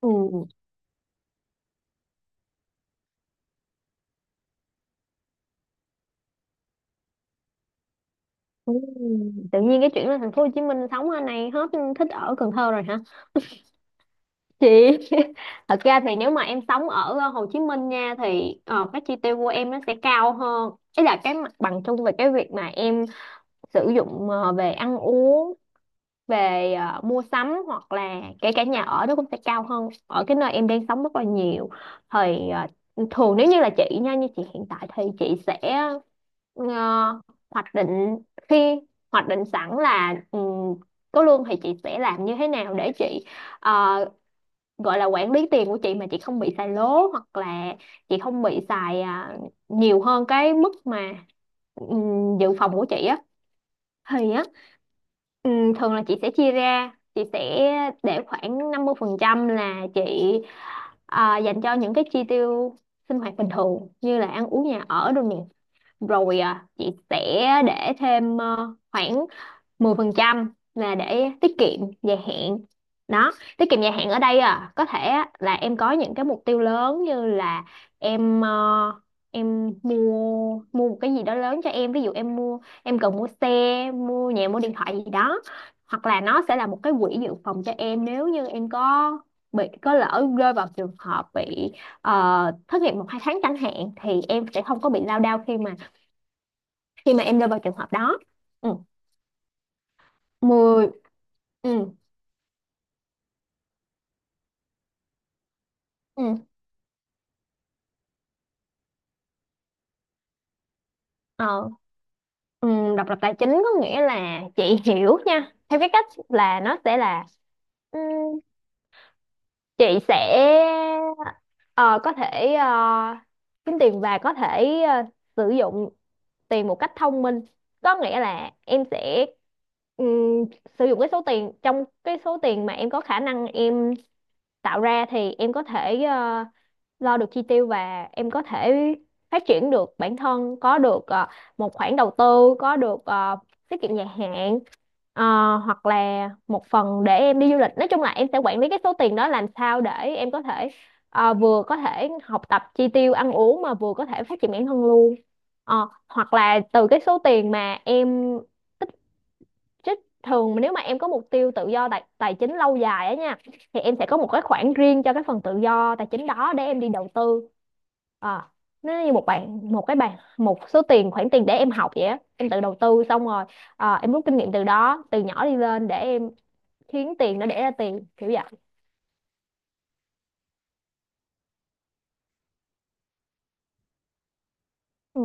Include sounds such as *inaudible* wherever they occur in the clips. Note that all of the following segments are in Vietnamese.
Ừ. Ừ. Tự nhiên cái chuyện lên thành phố Hồ Chí Minh sống ở này hết, thích ở Cần Thơ rồi hả chị? *laughs* Thật ra thì nếu mà em sống ở Hồ Chí Minh nha, thì các chi tiêu của em nó sẽ cao hơn. Ấy là cái mặt bằng chung về cái việc mà em sử dụng về ăn uống, về mua sắm, hoặc là kể cả nhà ở nó cũng sẽ cao hơn ở cái nơi em đang sống rất là nhiều. Thì thường nếu như là chị nha, như chị hiện tại thì chị sẽ ờ, hoạch định, khi hoạch định sẵn là có lương thì chị sẽ làm như thế nào để chị ờ, gọi là quản lý tiền của chị mà chị không bị xài lố, hoặc là chị không bị xài nhiều hơn cái mức mà ừ, dự phòng của chị á. Thì á, ừ, thường là chị sẽ chia ra, chị sẽ để khoảng 50% là chị dành cho những cái chi tiêu sinh hoạt bình thường, như là ăn uống, nhà ở đồ. Rồi chị sẽ để thêm khoảng 10% là để tiết kiệm dài hạn đó. Tiết kiệm dài hạn ở đây à, có thể á, là em có những cái mục tiêu lớn, như là em ờ, em mua mua một cái gì đó lớn cho em. Ví dụ em mua, em cần mua xe, mua nhà, mua điện thoại gì đó. Hoặc là nó sẽ là một cái quỹ dự phòng cho em, nếu như em có bị, có lỡ rơi vào trường hợp bị thất nghiệp một hai tháng chẳng hạn, thì em sẽ không có bị lao đao khi mà em rơi vào trường hợp đó. Ừ. 10. Ừ. Ừ. Ờ, ừ, độc lập tài chính có nghĩa là, chị hiểu nha, theo cái cách là nó sẽ là, ừ, chị sẽ ờ, có thể kiếm tiền và có thể sử dụng tiền một cách thông minh. Có nghĩa là em sẽ ừ, sử dụng cái số tiền, trong cái số tiền mà em có khả năng em tạo ra, thì em có thể lo được chi tiêu và em có thể phát triển được bản thân, có được một khoản đầu tư, có được tiết kiệm dài hạn, hoặc là một phần để em đi du lịch. Nói chung là em sẽ quản lý cái số tiền đó làm sao để em có thể vừa có thể học tập, chi tiêu, ăn uống, mà vừa có thể phát triển bản thân luôn. Ờ, hoặc là từ cái số tiền mà em chứ, thường mà nếu mà em có mục tiêu tự do tài chính lâu dài á nha, thì em sẽ có một cái khoản riêng cho cái phần tự do tài chính đó để em đi đầu tư. à, nó như một bạn, một cái bàn, một số tiền, khoản tiền để em học vậy á. Em tự đầu tư xong rồi, em rút kinh nghiệm từ đó, từ nhỏ đi lên để em khiến tiền nó đẻ ra tiền, kiểu vậy. Ừ.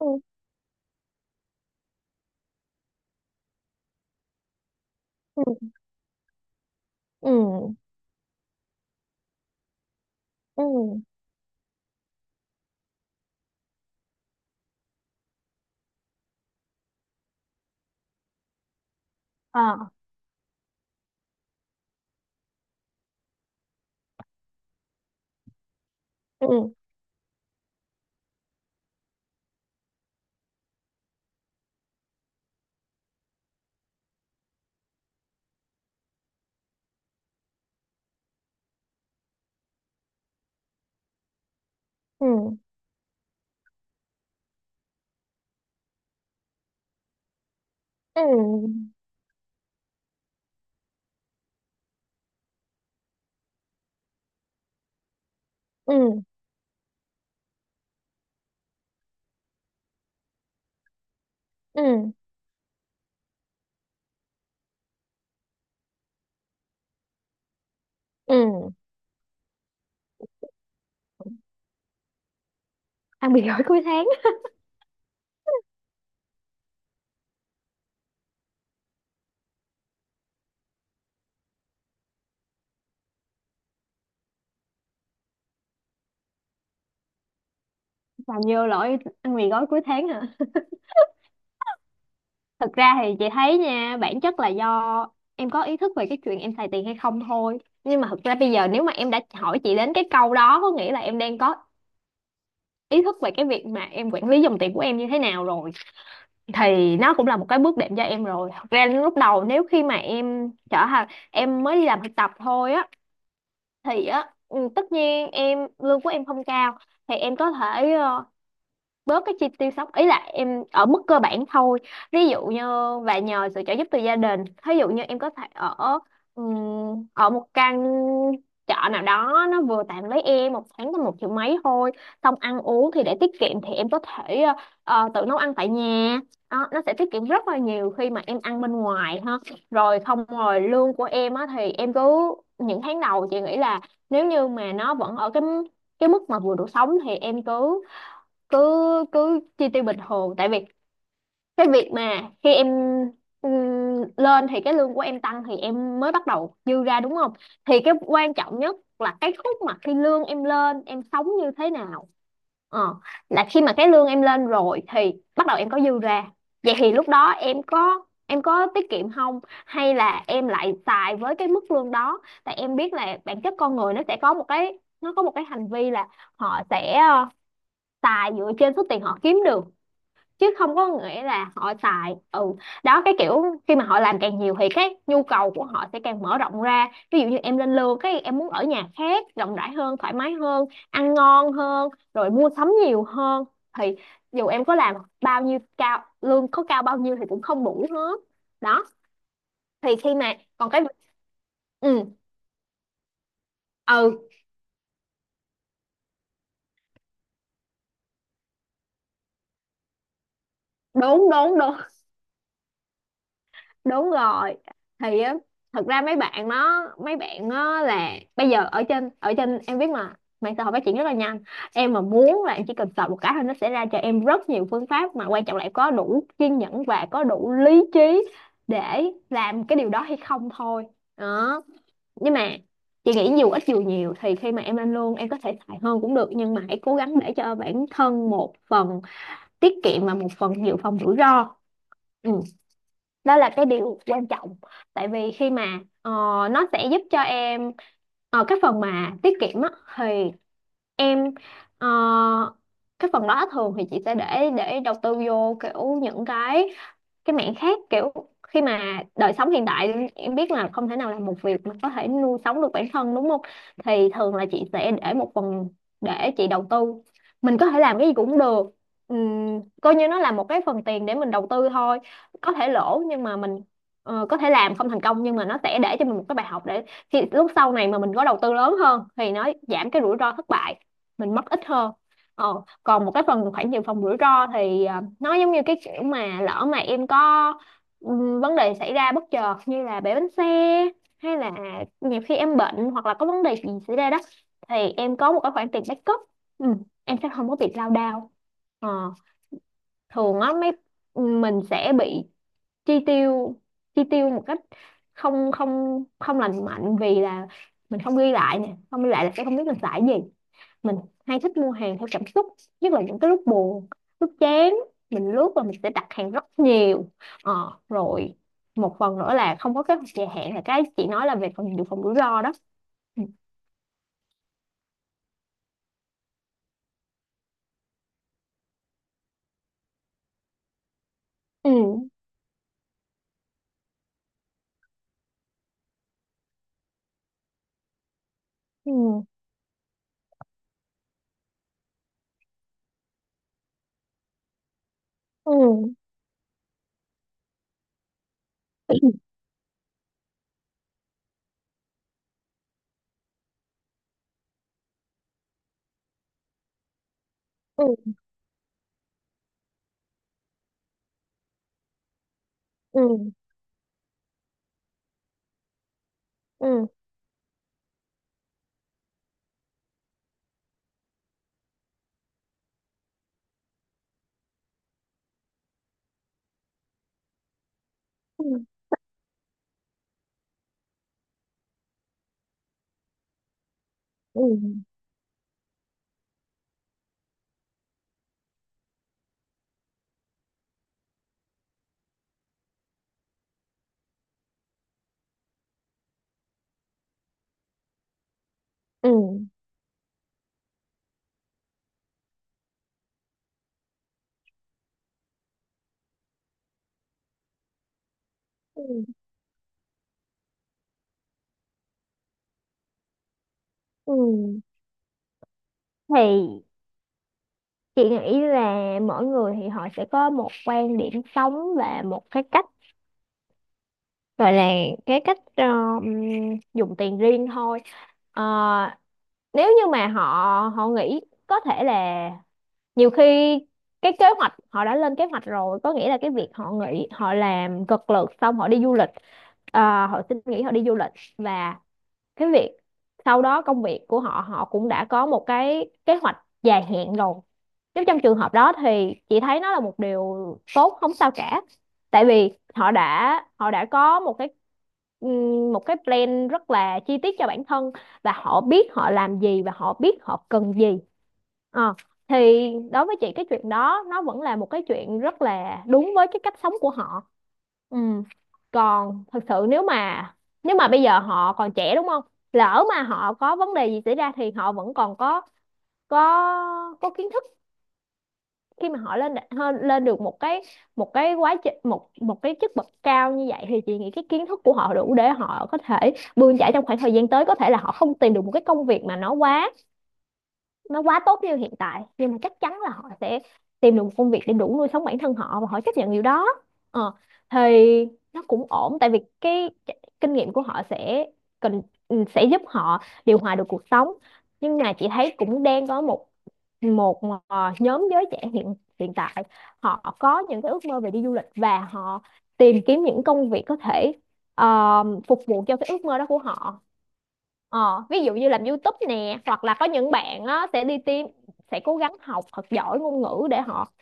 Ừ. Ừ. Ừ. Ừ. À. Ừ. Ừ. Ừ. Ừ. Ừ. Ừ. Ăn mì gói cuối tháng. Làm vô lỗi ăn mì gói cuối tháng hả? Thực ra thì chị thấy nha, bản chất là do em có ý thức về cái chuyện em xài tiền hay không thôi. Nhưng mà thực ra bây giờ nếu mà em đã hỏi chị đến cái câu đó, có nghĩa là em đang có ý thức về cái việc mà em quản lý dòng tiền của em như thế nào rồi, thì nó cũng là một cái bước đệm cho em rồi. Thật ra lúc đầu, nếu khi mà em trở thành, em mới đi làm thực tập thôi á, thì á, tất nhiên em lương của em không cao, thì em có thể bớt cái chi tiêu sống, ý là em ở mức cơ bản thôi. Ví dụ như và nhờ sự trợ giúp từ gia đình, ví dụ như em có thể ở ở một căn trọ nào đó, nó vừa tạm với em, một tháng có một triệu mấy thôi. Xong ăn uống thì để tiết kiệm, thì em có thể tự nấu ăn tại nhà đó. Nó sẽ tiết kiệm rất là nhiều khi mà em ăn bên ngoài ha. Rồi không, rồi lương của em á thì em cứ những tháng đầu, chị nghĩ là nếu như mà nó vẫn ở cái mức mà vừa đủ sống, thì em cứ cứ cứ chi tiêu bình thường. Tại vì cái việc mà khi em ừm, lên thì cái lương của em tăng, thì em mới bắt đầu dư ra đúng không. Thì cái quan trọng nhất là cái khúc mà khi lương em lên, em sống như thế nào. ờ, là khi mà cái lương em lên rồi thì bắt đầu em có dư ra. Vậy thì lúc đó em có, em có tiết kiệm không, hay là em lại xài với cái mức lương đó? Tại em biết là bản chất con người nó sẽ có một cái, nó có một cái hành vi là họ sẽ xài dựa trên số tiền họ kiếm được, chứ không có nghĩa là họ xài. Ừ, đó, cái kiểu khi mà họ làm càng nhiều thì cái nhu cầu của họ sẽ càng mở rộng ra. Ví dụ như em lên lương cái em muốn ở nhà khác rộng rãi hơn, thoải mái hơn, ăn ngon hơn, rồi mua sắm nhiều hơn. Thì dù em có làm bao nhiêu, cao lương có cao bao nhiêu thì cũng không đủ hết đó. Thì khi mà còn cái, ừ, ừ, đúng đúng đúng, đúng rồi. Thì á thật ra mấy bạn nó là, bây giờ ở trên em biết mà, mạng xã hội phát triển rất là nhanh. Em mà muốn là em chỉ cần sợ một cái thôi, nó sẽ ra cho em rất nhiều phương pháp. Mà quan trọng là em có đủ kiên nhẫn và có đủ lý trí để làm cái điều đó hay không thôi đó. Nhưng mà chị nghĩ dù ít dù nhiều, thì khi mà em lên lương, em có thể xài hơn cũng được, nhưng mà hãy cố gắng để cho bản thân một phần tiết kiệm và một phần dự phòng rủi ro. Ừ, đó là cái điều quan trọng. Tại vì khi mà nó sẽ giúp cho em, cái phần mà tiết kiệm á, thì em ờ, cái phần đó thường thì chị sẽ để đầu tư vô, kiểu những cái mảng khác. Kiểu khi mà đời sống hiện đại, em biết là không thể nào làm một việc mà có thể nuôi sống được bản thân đúng không. Thì thường là chị sẽ để một phần để chị đầu tư. Mình có thể làm cái gì cũng được. Coi như nó là một cái phần tiền để mình đầu tư thôi. Có thể lỗ, nhưng mà mình có thể làm không thành công, nhưng mà nó sẽ để cho mình một cái bài học, để khi lúc sau này mà mình có đầu tư lớn hơn thì nó giảm cái rủi ro thất bại, mình mất ít hơn. Ờ, còn một cái phần khoản dự phòng rủi ro, thì nó giống như cái kiểu mà lỡ mà em có vấn đề xảy ra bất chợt, như là bể bánh xe hay là nhiều khi em bệnh, hoặc là có vấn đề gì xảy ra đó, thì em có một cái khoản tiền backup, ừ, em sẽ không có bị lao đao. Ờ, thường á mấy, mình sẽ bị chi tiêu, chi tiêu một cách không không không lành mạnh, vì là mình không ghi lại nè, không ghi lại là sẽ không biết mình xài gì, mình hay thích mua hàng theo cảm xúc, nhất là những cái lúc buồn, lúc chán, mình lướt và mình sẽ đặt hàng rất nhiều. ờ, rồi một phần nữa là không có kế hoạch dài hạn, là cái chị nói là về phần dự phòng rủi ro đó. Ừ. Ừ. Ừ. Ừ. Ừ. Ừ. Ừ. Ừ. Ừ. Ừ. Ừ. Ừ. Thì chị nghĩ là mỗi người thì họ sẽ có một quan điểm sống và một cái cách gọi là cái cách dùng tiền riêng thôi. Ờ, nếu như mà họ họ nghĩ có thể là nhiều khi cái kế hoạch họ đã lên kế hoạch rồi, có nghĩa là cái việc họ nghỉ, họ làm cực lực xong họ đi du lịch, họ xin nghỉ họ đi du lịch. Và cái việc sau đó, công việc của họ, họ cũng đã có một cái kế hoạch dài hạn rồi. Nếu trong trường hợp đó thì chị thấy nó là một điều tốt, không sao cả. Tại vì họ đã có một cái, một cái plan rất là chi tiết cho bản thân, và họ biết họ làm gì và họ biết họ cần gì. Ờ, thì đối với chị cái chuyện đó nó vẫn là một cái chuyện rất là đúng với cái cách sống của họ. Ừ. Còn thật sự nếu mà bây giờ họ còn trẻ đúng không, lỡ mà họ có vấn đề gì xảy ra thì họ vẫn còn có có kiến thức. Khi mà họ lên được một cái, một cái quá trình, một một cái chức bậc cao như vậy, thì chị nghĩ cái kiến thức của họ đủ để họ có thể bươn chải trong khoảng thời gian tới. Có thể là họ không tìm được một cái công việc mà nó quá tốt như hiện tại, nhưng mà chắc chắn là họ sẽ tìm được một công việc để đủ nuôi sống bản thân họ, và họ chấp nhận điều đó. Ờ, thì nó cũng ổn, tại vì cái kinh nghiệm của họ sẽ cần, sẽ giúp họ điều hòa được cuộc sống. Nhưng mà chị thấy cũng đang có một một nhóm giới trẻ hiện hiện tại, họ có những cái ước mơ về đi du lịch, và họ tìm kiếm những công việc có thể phục vụ cho cái ước mơ đó của họ. Ờ, ví dụ như làm YouTube nè, hoặc là có những bạn á, sẽ đi tìm, sẽ cố gắng học thật giỏi ngôn ngữ để họ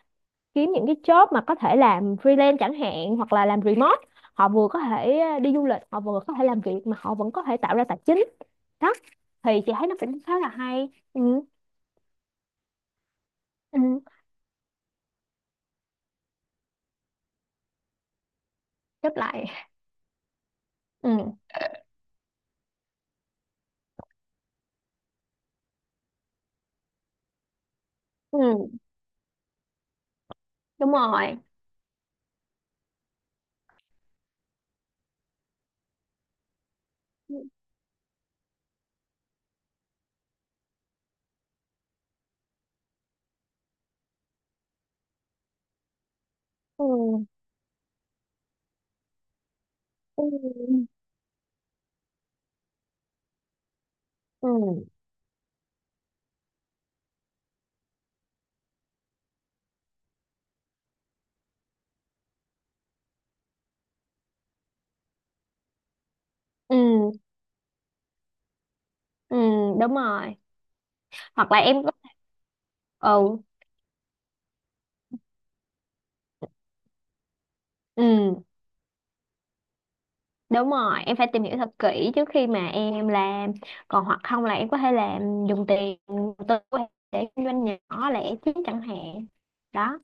kiếm những cái job mà có thể làm freelance chẳng hạn, hoặc là làm remote. Họ vừa có thể đi du lịch, họ vừa có thể làm việc, mà họ vẫn có thể tạo ra tài chính. Đó, thì chị thấy nó cũng khá là hay. Ừ. Ừ, chốt lại. Ừ. Ừ, đúng rồi. Ừ, ừ, ừ, ừ, ừ, ừ, đúng rồi. Hoặc là em có. Ừ, ừ. Đúng rồi, em phải tìm hiểu thật kỹ trước khi mà em làm. Còn hoặc không là em có thể làm dùng tiền đầu tư của em để kinh doanh nhỏ lẻ chứ chẳng hạn. Đó,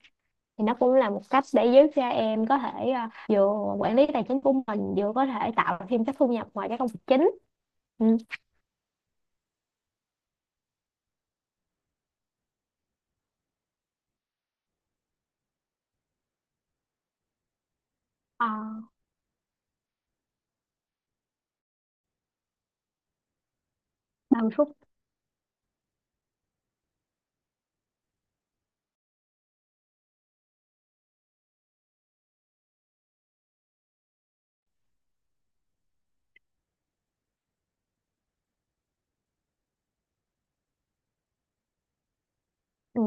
thì nó cũng là một cách để giúp cho em có thể vừa quản lý tài chính của mình, vừa có thể tạo thêm các thu nhập ngoài các công việc chính. Ừ. À, 30 phút. Ừ.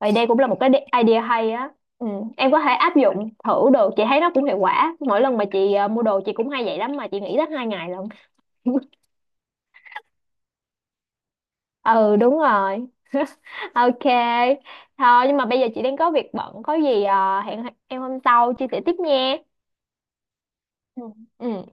Vậy đây cũng là một cái idea hay á. Ừ. Em có thể áp dụng thử được, chị thấy nó cũng hiệu quả. Mỗi lần mà chị mua đồ chị cũng hay vậy lắm, mà chị nghĩ tới 2 ngày lận. *laughs* Ừ đúng rồi. Ok, thôi nhưng mà bây giờ chị đang có việc bận, có gì hẹn em hôm sau chia sẻ tiếp nha. Ừ. Ừ.